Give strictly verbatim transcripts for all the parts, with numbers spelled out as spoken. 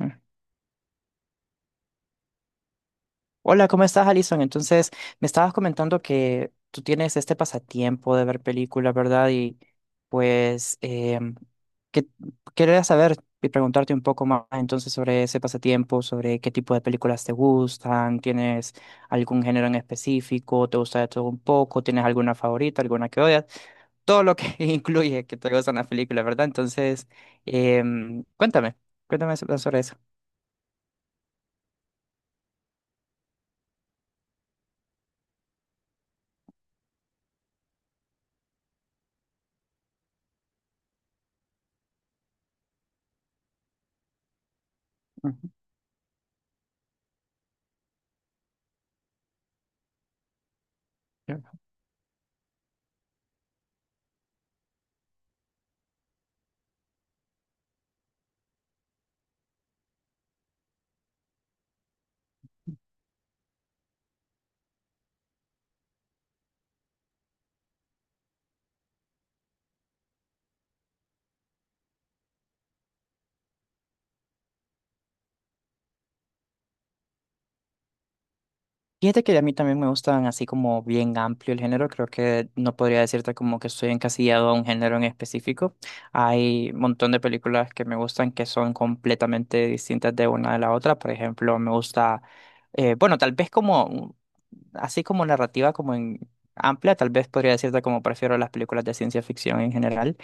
Mm. Hola, ¿cómo estás, Alison? Entonces, me estabas comentando que tú tienes este pasatiempo de ver películas, ¿verdad? Y pues, em, que quería saber y preguntarte un poco más entonces sobre ese pasatiempo, sobre qué tipo de películas te gustan. ¿Tienes algún género en específico? ¿Te gusta de todo un poco? ¿Tienes alguna favorita, alguna que odias? Todo lo que incluye que te gustan las películas, ¿verdad? Entonces, em, cuéntame, cuéntame sobre eso. Ujú. Fíjate que a mí también me gustan así como bien amplio el género. Creo que no podría decirte como que estoy encasillado a un género en específico. Hay un montón de películas que me gustan que son completamente distintas de una de la otra. Por ejemplo, me gusta, eh, bueno, tal vez como, un- así como narrativa, como en amplia, tal vez podría decirte como prefiero las películas de ciencia ficción en general,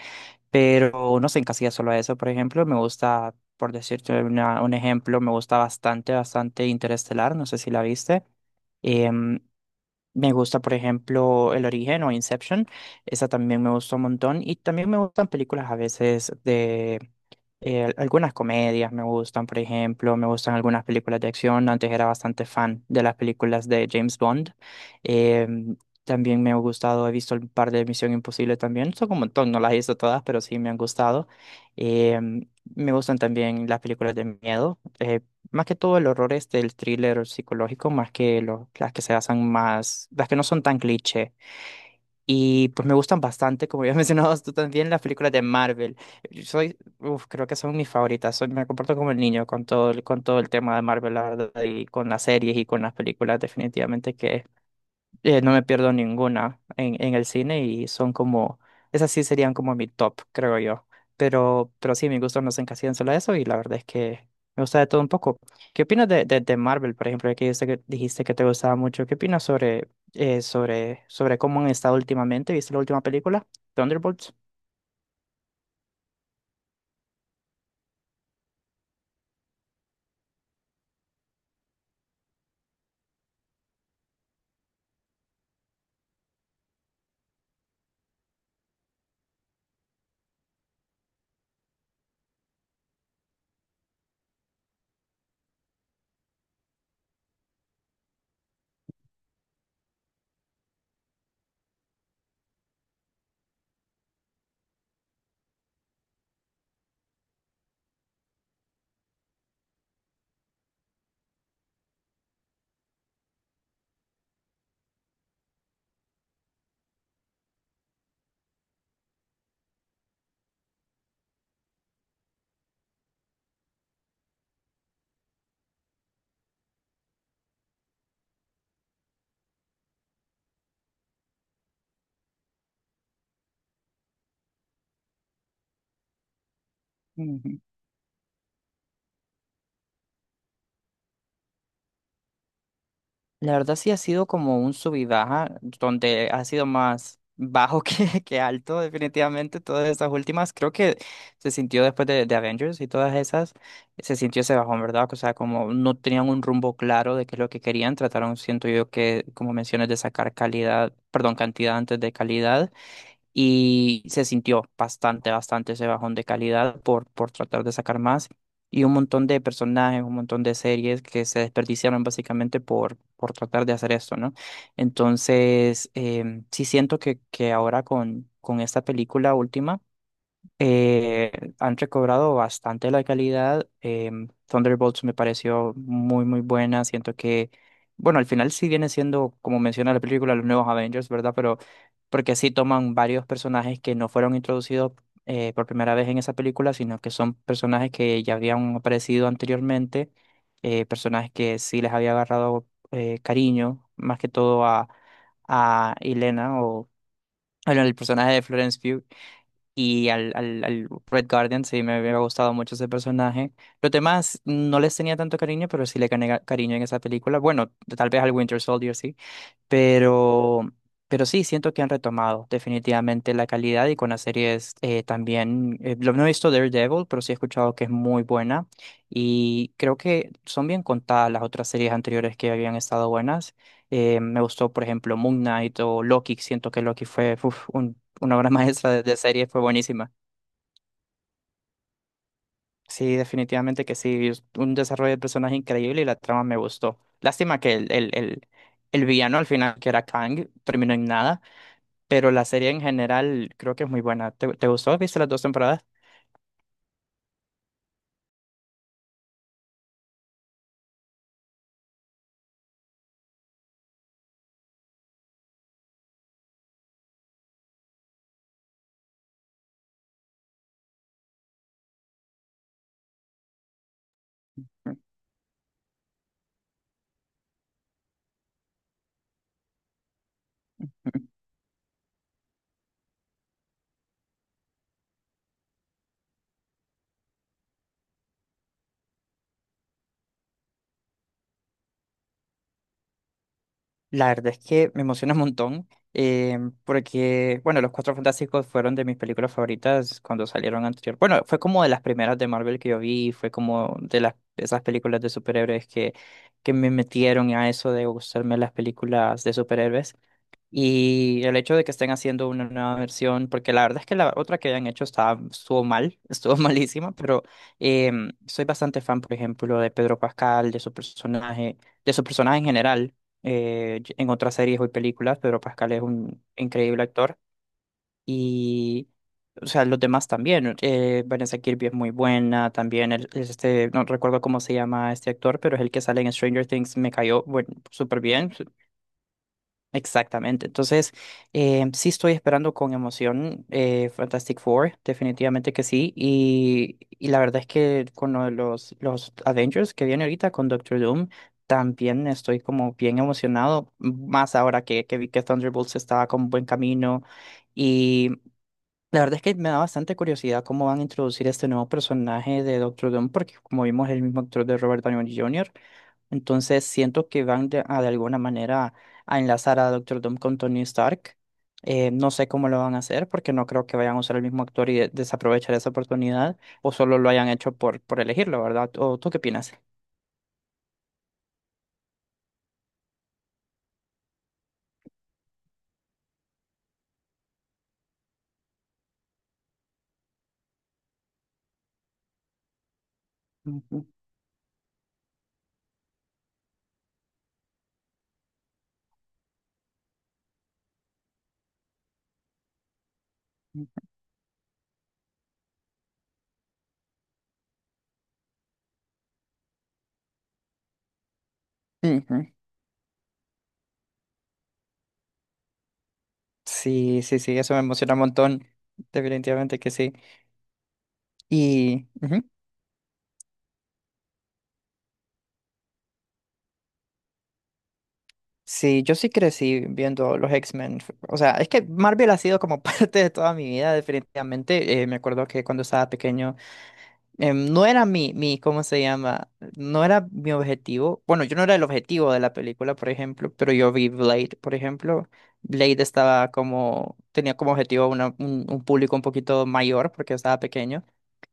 pero no se encasilla solo a eso. Por ejemplo, me gusta, por decirte una- un ejemplo, me gusta bastante, bastante Interestelar, no sé si la viste. Em, me gusta, por ejemplo, El Origen o Inception. Esa también me gustó un montón. Y también me gustan películas a veces de eh, algunas comedias, me gustan, por ejemplo. Me gustan algunas películas de acción. Antes era bastante fan de las películas de James Bond. Em, también me ha gustado, he visto un par de Misión Imposible también. Son un montón, no las he visto todas, pero sí me han gustado. Em, me gustan también las películas de miedo. Eh, más que todo el horror es del thriller psicológico, más que lo- las que se basan más, las que no son tan cliché. Y pues me gustan bastante, como ya mencionabas tú también, las películas de Marvel. Yo soy, uf, creo que son mis favoritas. Soy, me comporto como el niño con todo, el- con todo el tema de Marvel, la verdad, y con las series y con las películas, definitivamente que eh, no me pierdo ninguna en, en el cine y son como, esas sí serían como mi top, creo yo. Pero, pero sí, mis gustos no se encasillan solo a eso y la verdad es que me gusta de todo un poco. ¿Qué opinas de, de, de Marvel, por ejemplo, ya que dijiste que, dijiste que te gustaba mucho? ¿Qué opinas sobre, eh, sobre, sobre cómo han estado últimamente? ¿Viste la última película, Thunderbolts? La verdad sí ha sido como un sub y baja, donde ha sido más bajo que, que alto, definitivamente. Todas esas últimas, creo que se sintió después de, de Avengers y todas esas, se sintió ese bajón, ¿verdad? O sea, como no tenían un rumbo claro de qué es lo que querían, trataron, siento yo, que, como mencionas, de sacar calidad, perdón, cantidad antes de calidad, y se sintió bastante, bastante ese bajón de calidad por, por tratar de sacar más y un montón de personajes, un montón de series que se desperdiciaron básicamente por, por tratar de hacer esto, ¿no? Entonces, em, sí siento que, que ahora con, con esta película última eh, han recobrado bastante la calidad. em, Thunderbolts me pareció muy, muy buena. Siento que, bueno, al final sí viene siendo, como menciona la película, los nuevos Avengers, ¿verdad? Pero porque sí toman varios personajes que no fueron introducidos eh, por primera vez en esa película, sino que son personajes que ya habían aparecido anteriormente, eh, personajes que sí les había agarrado eh, cariño, más que todo a, a Elena o bueno, el personaje de Florence Pugh. Y al, al, al Red Guardian sí me había gustado mucho ese personaje. Los demás no les tenía tanto cariño, pero sí le gané cariño en esa película. Bueno, tal vez al Winter Soldier sí. Pero, pero sí, siento que han retomado definitivamente la calidad y con las series eh, también. Eh, lo no he visto Daredevil, pero sí he escuchado que es muy buena y creo que son bien contadas las otras series anteriores que habían estado buenas. Eh, me gustó, por ejemplo, Moon Knight o Loki. Siento que Loki fue uf, un una obra maestra de, de serie, fue buenísima. Sí, definitivamente que sí, es un desarrollo de personaje increíble y la trama me gustó. Lástima que el, el, el, el villano al final, que era Kang, terminó en nada, pero la serie en general creo que es muy buena. ¿Te, te gustó? ¿Viste las dos temporadas? La verdad es que me emociona un montón, eh, porque, bueno, Los Cuatro Fantásticos fueron de mis películas favoritas cuando salieron anterior. Bueno, fue como de las primeras de Marvel que yo vi, fue como de las, esas películas de superhéroes que, que me metieron a eso de gustarme las películas de superhéroes. Y el hecho de que estén haciendo una nueva versión, porque la verdad es que la otra que habían hecho estaba, estuvo mal, estuvo malísima, pero em, soy bastante fan, por ejemplo, de Pedro Pascal, de su personaje, de su personaje en general. Eh, y- en otras series o películas, Pedro Pascal es un increíble actor. Y, o sea, los demás también. eh, Vanessa Kirby es muy buena, también el- es este, no recuerdo cómo se llama este actor, pero es el que sale en Stranger Things, me cayó, bueno, súper bien. Exactamente. Entonces, eh, sí estoy esperando con emoción eh, Fantastic Four, definitivamente que sí. Y, y la verdad es que con lo de los, los Avengers que viene ahorita con Doctor Doom, también estoy como bien emocionado, más ahora que, que vi que Thunderbolts estaba con buen camino. Y la verdad es que me da bastante curiosidad cómo van a introducir este nuevo personaje de Doctor Doom, porque como vimos es el mismo actor de Robert Downey júnior Entonces siento que van de, a, de alguna manera a enlazar a Doctor Doom con Tony Stark. Eh, no sé cómo lo van a hacer porque no creo que vayan a usar el mismo actor y de- desaprovechar esa oportunidad o solo lo hayan hecho por, por elegirlo, ¿verdad? ¿O tú qué opinas? Ujú, ujú. Ujú. Sí, sí, sí, eso me emociona un montón. Definitivamente que sí. Y ujú. Sí, yo sí crecí viendo los X-Men. f- O sea, es que Marvel ha sido como parte de toda mi vida, definitivamente. Eh, me acuerdo que cuando estaba pequeño em, no era mi, mi, ¿cómo se llama? No era mi objetivo. Bueno, yo no era el objetivo de la película, por ejemplo, pero yo vi Blade, por ejemplo. Blade estaba como, tenía como objetivo una- un, un público un poquito mayor porque estaba pequeño,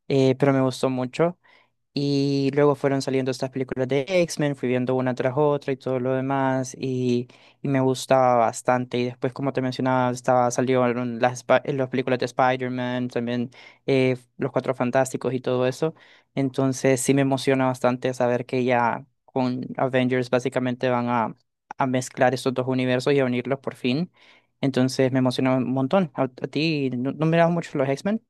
eh, pero me gustó mucho. Y luego fueron saliendo estas películas de X-Men, fui viendo una tras otra y todo lo demás, y, y me gustaba bastante. Y después, como te mencionaba, estaba, salieron las, Spi- eh, las películas de Spider-Man, también eh, Los Cuatro Fantásticos y todo eso. Entonces sí me emociona bastante saber que ya con Avengers básicamente van a, a mezclar estos dos universos y a unirlos por fin. Entonces me emociona un montón. ¿A, a ti no, no mirabas mucho los X-Men?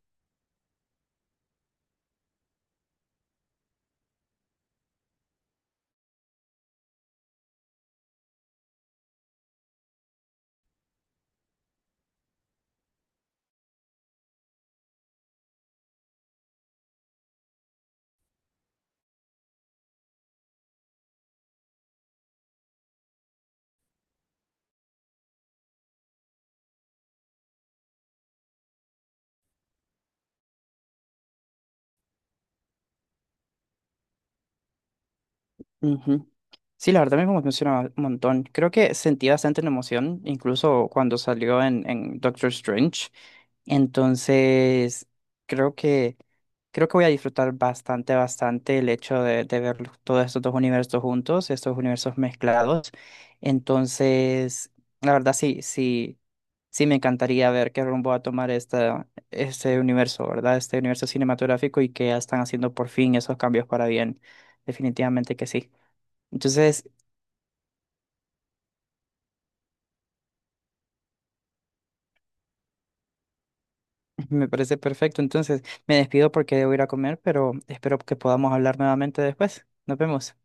Sí, la verdad me emociona un montón. Creo que sentí bastante la emoción, incluso cuando salió en, en Doctor Strange. Entonces, creo que, creo que voy a disfrutar bastante, bastante el hecho de, de ver todos estos dos universos juntos, estos universos mezclados. Entonces, la verdad sí, sí, sí me encantaría ver qué rumbo va a tomar esta, este universo, ¿verdad? Este universo cinematográfico y que ya están haciendo por fin esos cambios para bien. Definitivamente que sí. Entonces, me parece perfecto. Entonces, me despido porque debo ir a comer, pero espero que podamos hablar nuevamente después. Nos vemos.